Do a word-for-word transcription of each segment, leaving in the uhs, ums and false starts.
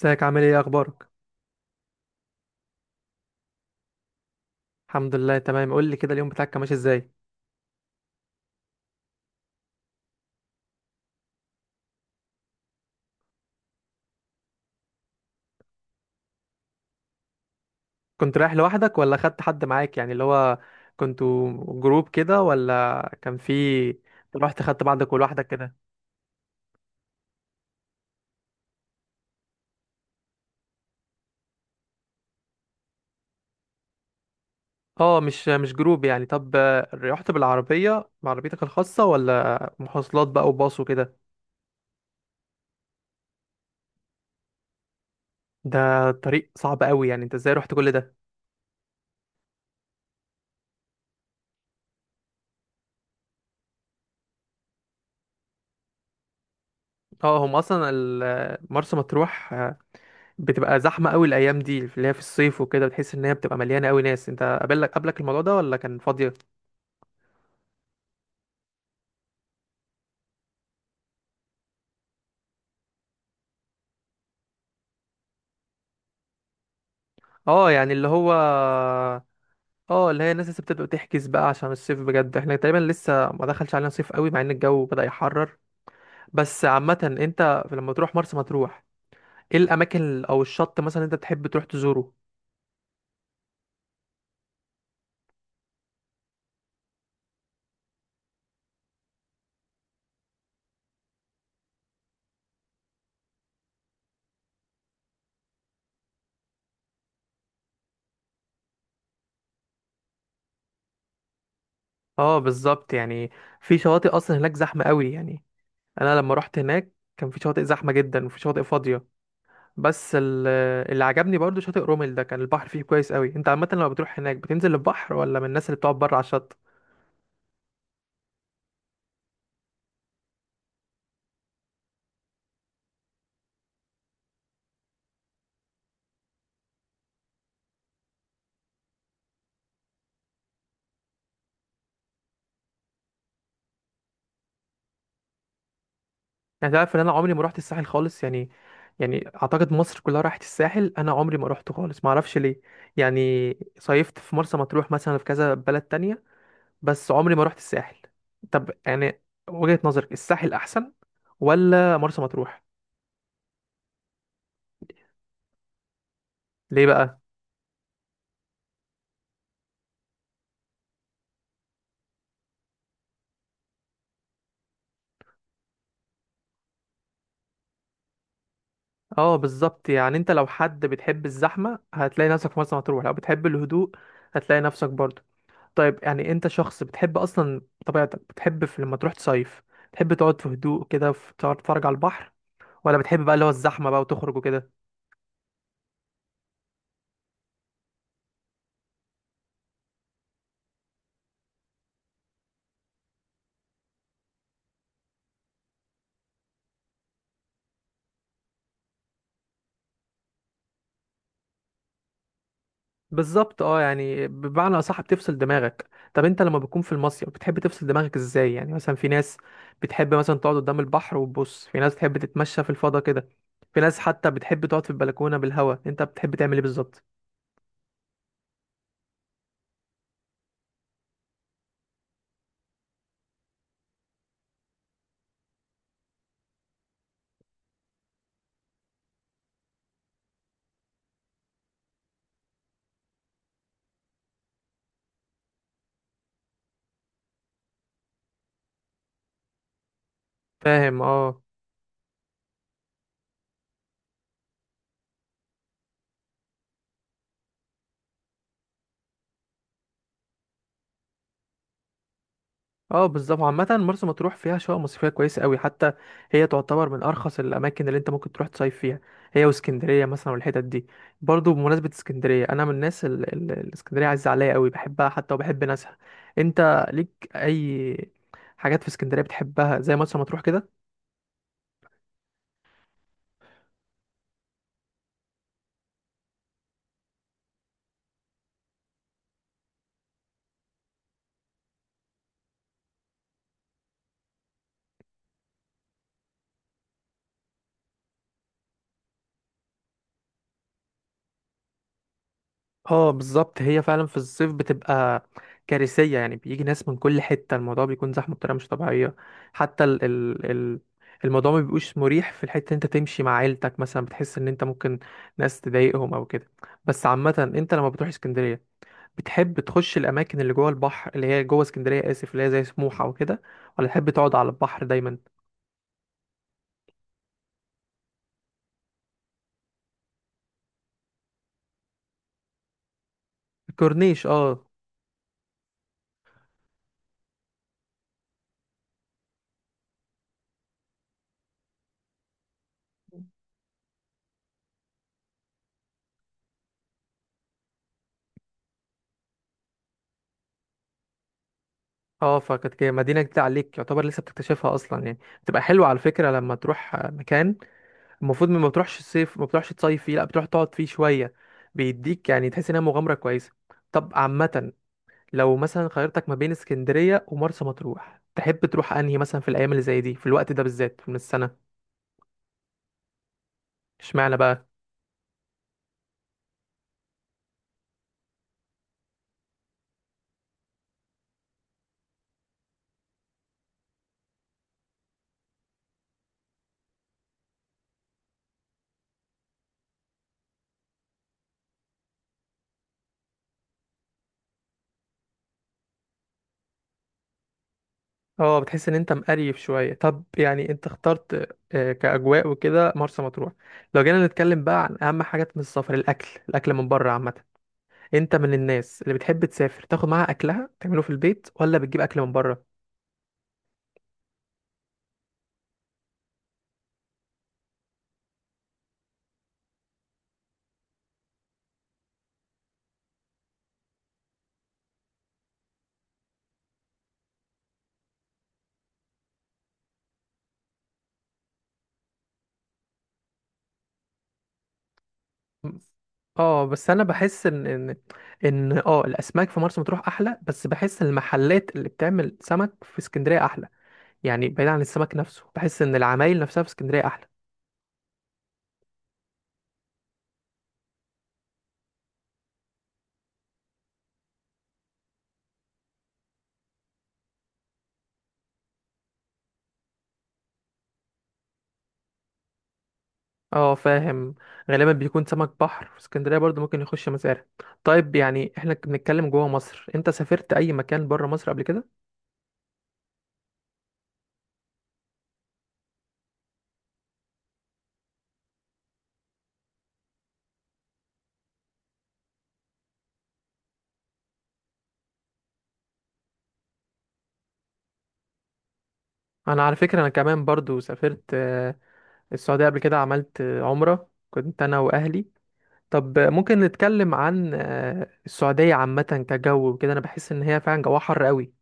ازيك؟ عامل ايه؟ إيه اخبارك؟ الحمد لله، تمام. قول لي كده، اليوم بتاعك كان ماشي ازاي؟ كنت رايح لوحدك ولا خدت حد معاك؟ يعني اللي هو كنتوا جروب كده ولا كان في؟ رحت خدت بعضك ولوحدك كده؟ اه، مش مش جروب يعني. طب، آه، رحت بالعربية بعربيتك الخاصة، ولا مواصلات بقى وباص وكده؟ ده طريق صعب قوي، يعني انت ازاي رحت كل ده؟ اه، هم اصلا ال- مرسى مطروح آه، بتبقى زحمه قوي الايام دي اللي هي في الصيف وكده. بتحس ان هي بتبقى مليانه قوي ناس. انت قابلك قبلك الموضوع ده ولا كان فاضيه؟ اه يعني اللي هو. اه اللي هي الناس لسه بتبدأ تحجز بقى عشان الصيف. بجد احنا تقريبا لسه ما دخلش علينا صيف قوي مع ان الجو بدأ يحرر. بس عامة انت لما تروح مرسى مطروح، ايه الاماكن ال- او الشط مثلا انت بتحب تروح تزوره؟ اه، بالظبط. يعني في شواطئ اصلا هناك زحمة قوي يعني. انا لما رحت هناك كان في شواطئ زحمة جدا وفي شواطئ فاضية. بس ال- اللي عجبني برضو شاطئ رومل ده، كان البحر فيه كويس قوي. انت عامة لما بتروح هناك بتنزل البحر ولا من الناس اللي بتقعد بره على الشط؟ يعني تعرف ان انا عمري ما رحت الساحل خالص يعني. يعني اعتقد مصر كلها راحت الساحل، انا عمري ما رحته خالص، ما اعرفش ليه يعني. صيفت في مرسى مطروح مثلا في كذا بلد تانية، بس عمري ما رحت الساحل. طب يعني وجهة نظرك الساحل احسن ولا مرسى مطروح؟ ليه بقى؟ اه بالظبط، يعني انت لو حد بتحب الزحمة هتلاقي نفسك في مرسى مطروح، لو بتحب الهدوء هتلاقي نفسك برضه. طيب يعني انت شخص بتحب اصلا، طبيعتك بتحب في لما تروح تصيف تحب تقعد في هدوء كده، في- تقعد تتفرج على البحر، ولا بتحب بقى اللي هو الزحمه بقى وتخرج وكده؟ بالظبط اه، يعني بمعنى اصح بتفصل دماغك. طب انت لما بتكون في المصيف بتحب تفصل دماغك ازاي؟ يعني مثلا في ناس بتحب مثلا تقعد قدام البحر وتبص، في ناس بتحب تتمشى في الفضاء كده، في ناس حتى بتحب تقعد في البلكونه بالهواء. انت بتحب تعمل ايه بالظبط؟ فاهم اه. اه بالظبط، عامة مرسى مطروح فيها شقق مصيفية كويسة قوي حتى، هي تعتبر من أرخص الأماكن اللي أنت ممكن تروح تصيف فيها، هي واسكندرية مثلا والحتت دي. برضو بمناسبة اسكندرية، أنا من الناس ال- ال- الاسكندرية عزيزة عليا قوي، بحبها حتى وبحب ناسها. أنت ليك أي حاجات في اسكندرية بتحبها زي مرسى مطروح كده؟ اه بالظبط، هي فعلا في الصيف بتبقى كارثية. يعني بيجي ناس من كل حتة، الموضوع بيكون زحمة بطريقة مش طبيعية. حتى ال ال ال الموضوع ما بيبقوش مريح في الحتة. انت تمشي مع عيلتك مثلا بتحس ان انت ممكن ناس تضايقهم او كده. بس عامة انت لما بتروح اسكندرية بتحب تخش الاماكن اللي جوه البحر اللي هي جوه اسكندرية، اسف، اللي هي زي سموحة وكده، ولا تحب تقعد على البحر دايما؟ الكورنيش اه. اه، فكانت كده مدينة جديدة عليك يعتبر لسه بتكتشفها اصلا. يعني بتبقى حلوة على فكرة لما تروح مكان المفروض ما بتروحش الصيف، ما بتروحش تصيف فيه لا بتروح تقعد فيه شويه، بيديك يعني تحس انها مغامره كويسه. طب عامه لو مثلا خيرتك ما بين اسكندريه ومرسى مطروح تحب تروح انهي مثلا في الايام اللي زي دي في الوقت ده بالذات من السنه؟ اشمعنى بقى؟ اه بتحس ان انت مقريف شويه. طب يعني انت اخترت آه، كاجواء وكده مرسى مطروح. لو جينا نتكلم بقى عن اهم حاجات من السفر، الاكل. الاكل من بره عامه، انت من الناس اللي بتحب تسافر تاخد معاها اكلها تعمله في البيت ولا بتجيب اكل من بره؟ اه بس انا بحس ان ان ان اه الاسماك في مرسى مطروح احلى، بس بحس المحلات اللي بتعمل سمك في اسكندريه احلى. يعني بعيد عن السمك نفسه بحس ان العمايل نفسها في اسكندريه احلى. اه فاهم. غالبا بيكون سمك بحر، في اسكندريه برضو ممكن يخش مزارع. طيب يعني احنا بنتكلم جوه مصر، انت سافرت اي مكان بره مصر قبل كده؟ انا على فكره انا كمان برضو سافرت آه، السعوديه قبل كده، عملت آه، عمره كنت انا واهلي. طب ممكن نتكلم عن آه، السعودية عامة كجو وكده. أنا بحس إن هي فعلا جواها حر قوي.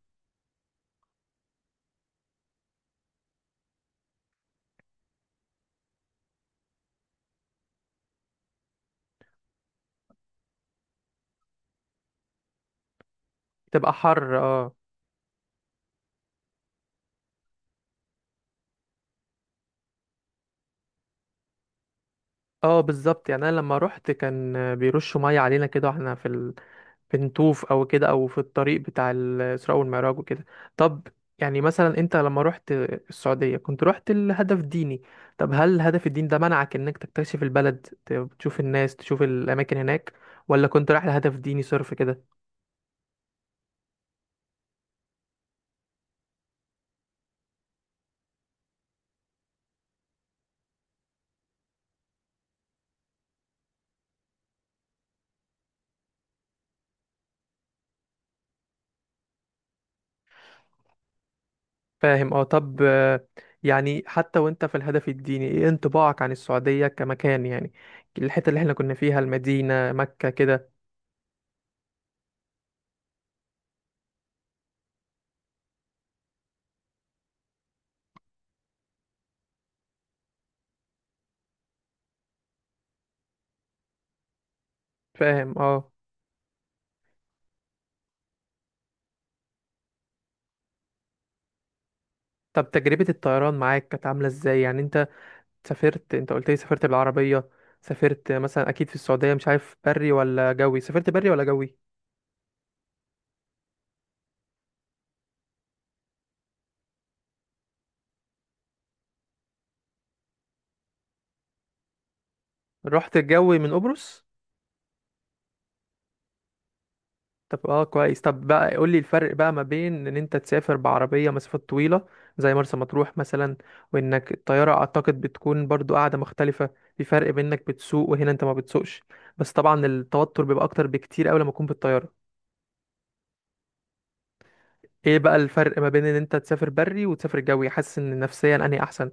تبقى حر اه. اه بالظبط، يعني أنا لما روحت كان آه، بيرشوا مية علينا كده واحنا في ال... في نطوف أو كده، أو في الطريق بتاع الإسراء والمعراج وكده. طب يعني مثلا أنت لما روحت السعودية كنت روحت لهدف ديني. طب هل هدف الدين ده منعك إنك تكتشف البلد، ت- تشوف الناس تشوف الأماكن هناك، ولا كنت رايح لهدف ديني صرف كده؟ فاهم اه. طب آه، يعني حتى وانت في الهدف الديني ايه انطباعك عن السعودية كمكان يعني الحتة اللي احنا كنا فيها المدينة مكة كده؟ فاهم اه. طب تجربة الطيران معاك كانت عاملة ازاي يعني؟ انت سافرت، انت قلت لي سافرت بالعربية، سافرت مثلا اكيد في السعودية مش عارف بري ولا جوي. سافرت بري ولا جوي؟ رحت الجوي من قبرص. طب اه كويس. طب بقى قول لي الفرق بقى ما بين ان انت تسافر بعربية مسافات طويلة زي مرسى مطروح مثلا، وانك الطيارة اعتقد بتكون برضو قاعدة مختلفة. في فرق بين انك بتسوق وهنا انت ما بتسوقش. بس طبعا التوتر بيبقى اكتر بكتير اوي لما تكون بالطيارة. ايه بقى الفرق ما بين ان انت تسافر بري وتسافر جوي، حاسس ان نفسيا انهي احسن؟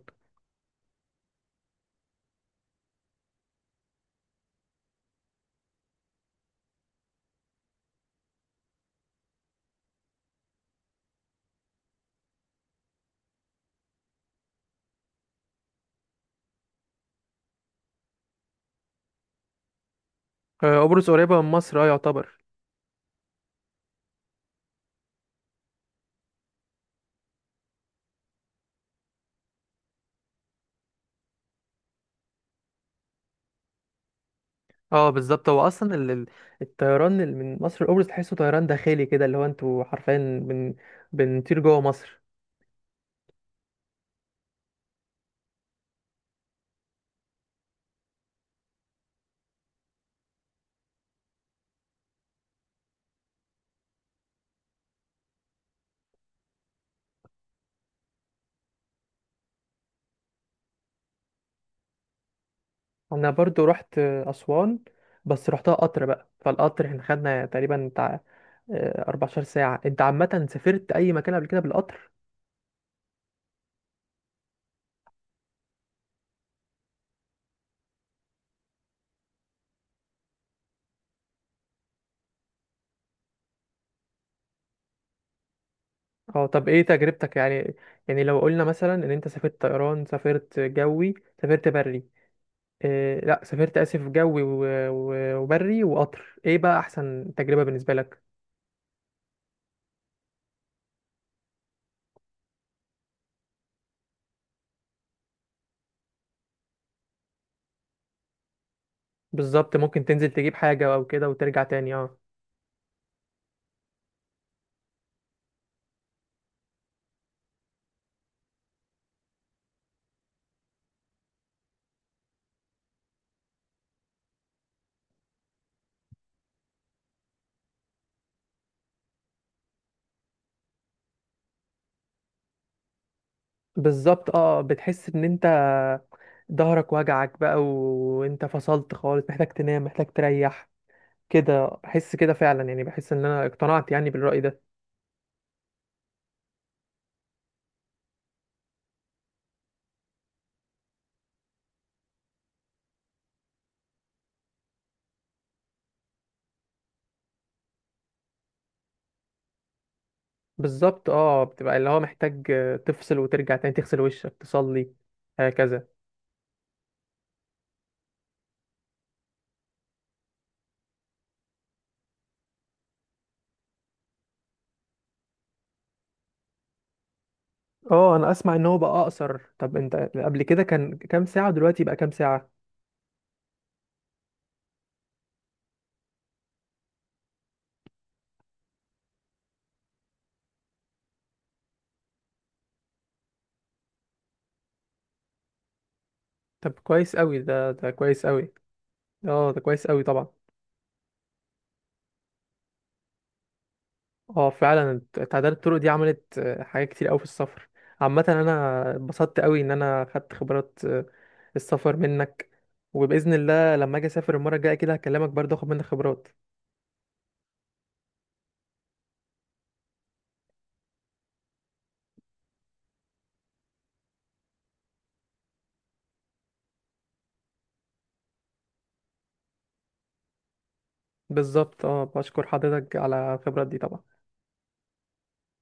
آه، قبرص قريبة من مصر اه يعتبر. اه بالظبط، هو اصلا ال- ال- الطيران اللي من مصر لقبرص تحسه طيران داخلي كده، اللي هو انتوا حرفيا بن... بنطير جوه مصر. انا برضو رحت اسوان، بس رحتها قطر. بقى فالقطر احنا خدنا تقريبا بتاع آه، أربعة عشر ساعه. انت عامه سافرت اي مكان قبل كده بالقطر؟ اه طب ايه تجربتك يعني؟ يعني لو قلنا مثلا ان انت سافرت طيران، سافرت جوي، سافرت بري، إيه لا سافرت اسف جوي و- و- وبري وقطر، ايه بقى احسن تجربه بالنسبه لك؟ بالظبط ممكن تنزل تجيب حاجه او كده وترجع تاني اه. بالظبط اه، بتحس ان انت ظهرك وجعك بقى و- وانت فصلت خالص، محتاج تنام محتاج تريح كده. احس كده فعلا يعني. بحس ان انا اقتنعت يعني بالرأي ده. بالظبط اه، بتبقى اللي هو محتاج آه، تفصل وترجع تاني تغسل وشك تصلي. هكذا. اه انا اسمع ان هو بقى اقصر. طب انت قبل كده كان كام ساعة، دلوقتي بقى كام ساعة؟ طب كويس قوي، ده ده كويس قوي. اه ده كويس قوي طبعا. اه فعلا. تعداد الطرق دي عملت آه، حاجات كتير قوي في السفر. عامة انا اتبسطت قوي ان انا خدت خبرات آه، السفر منك. وبإذن الله لما اجي اسافر المرة الجاية كده هكلمك برضه اخد منك خبرات. بالظبط اه بشكر حضرتك على الخبرات دي طبعا.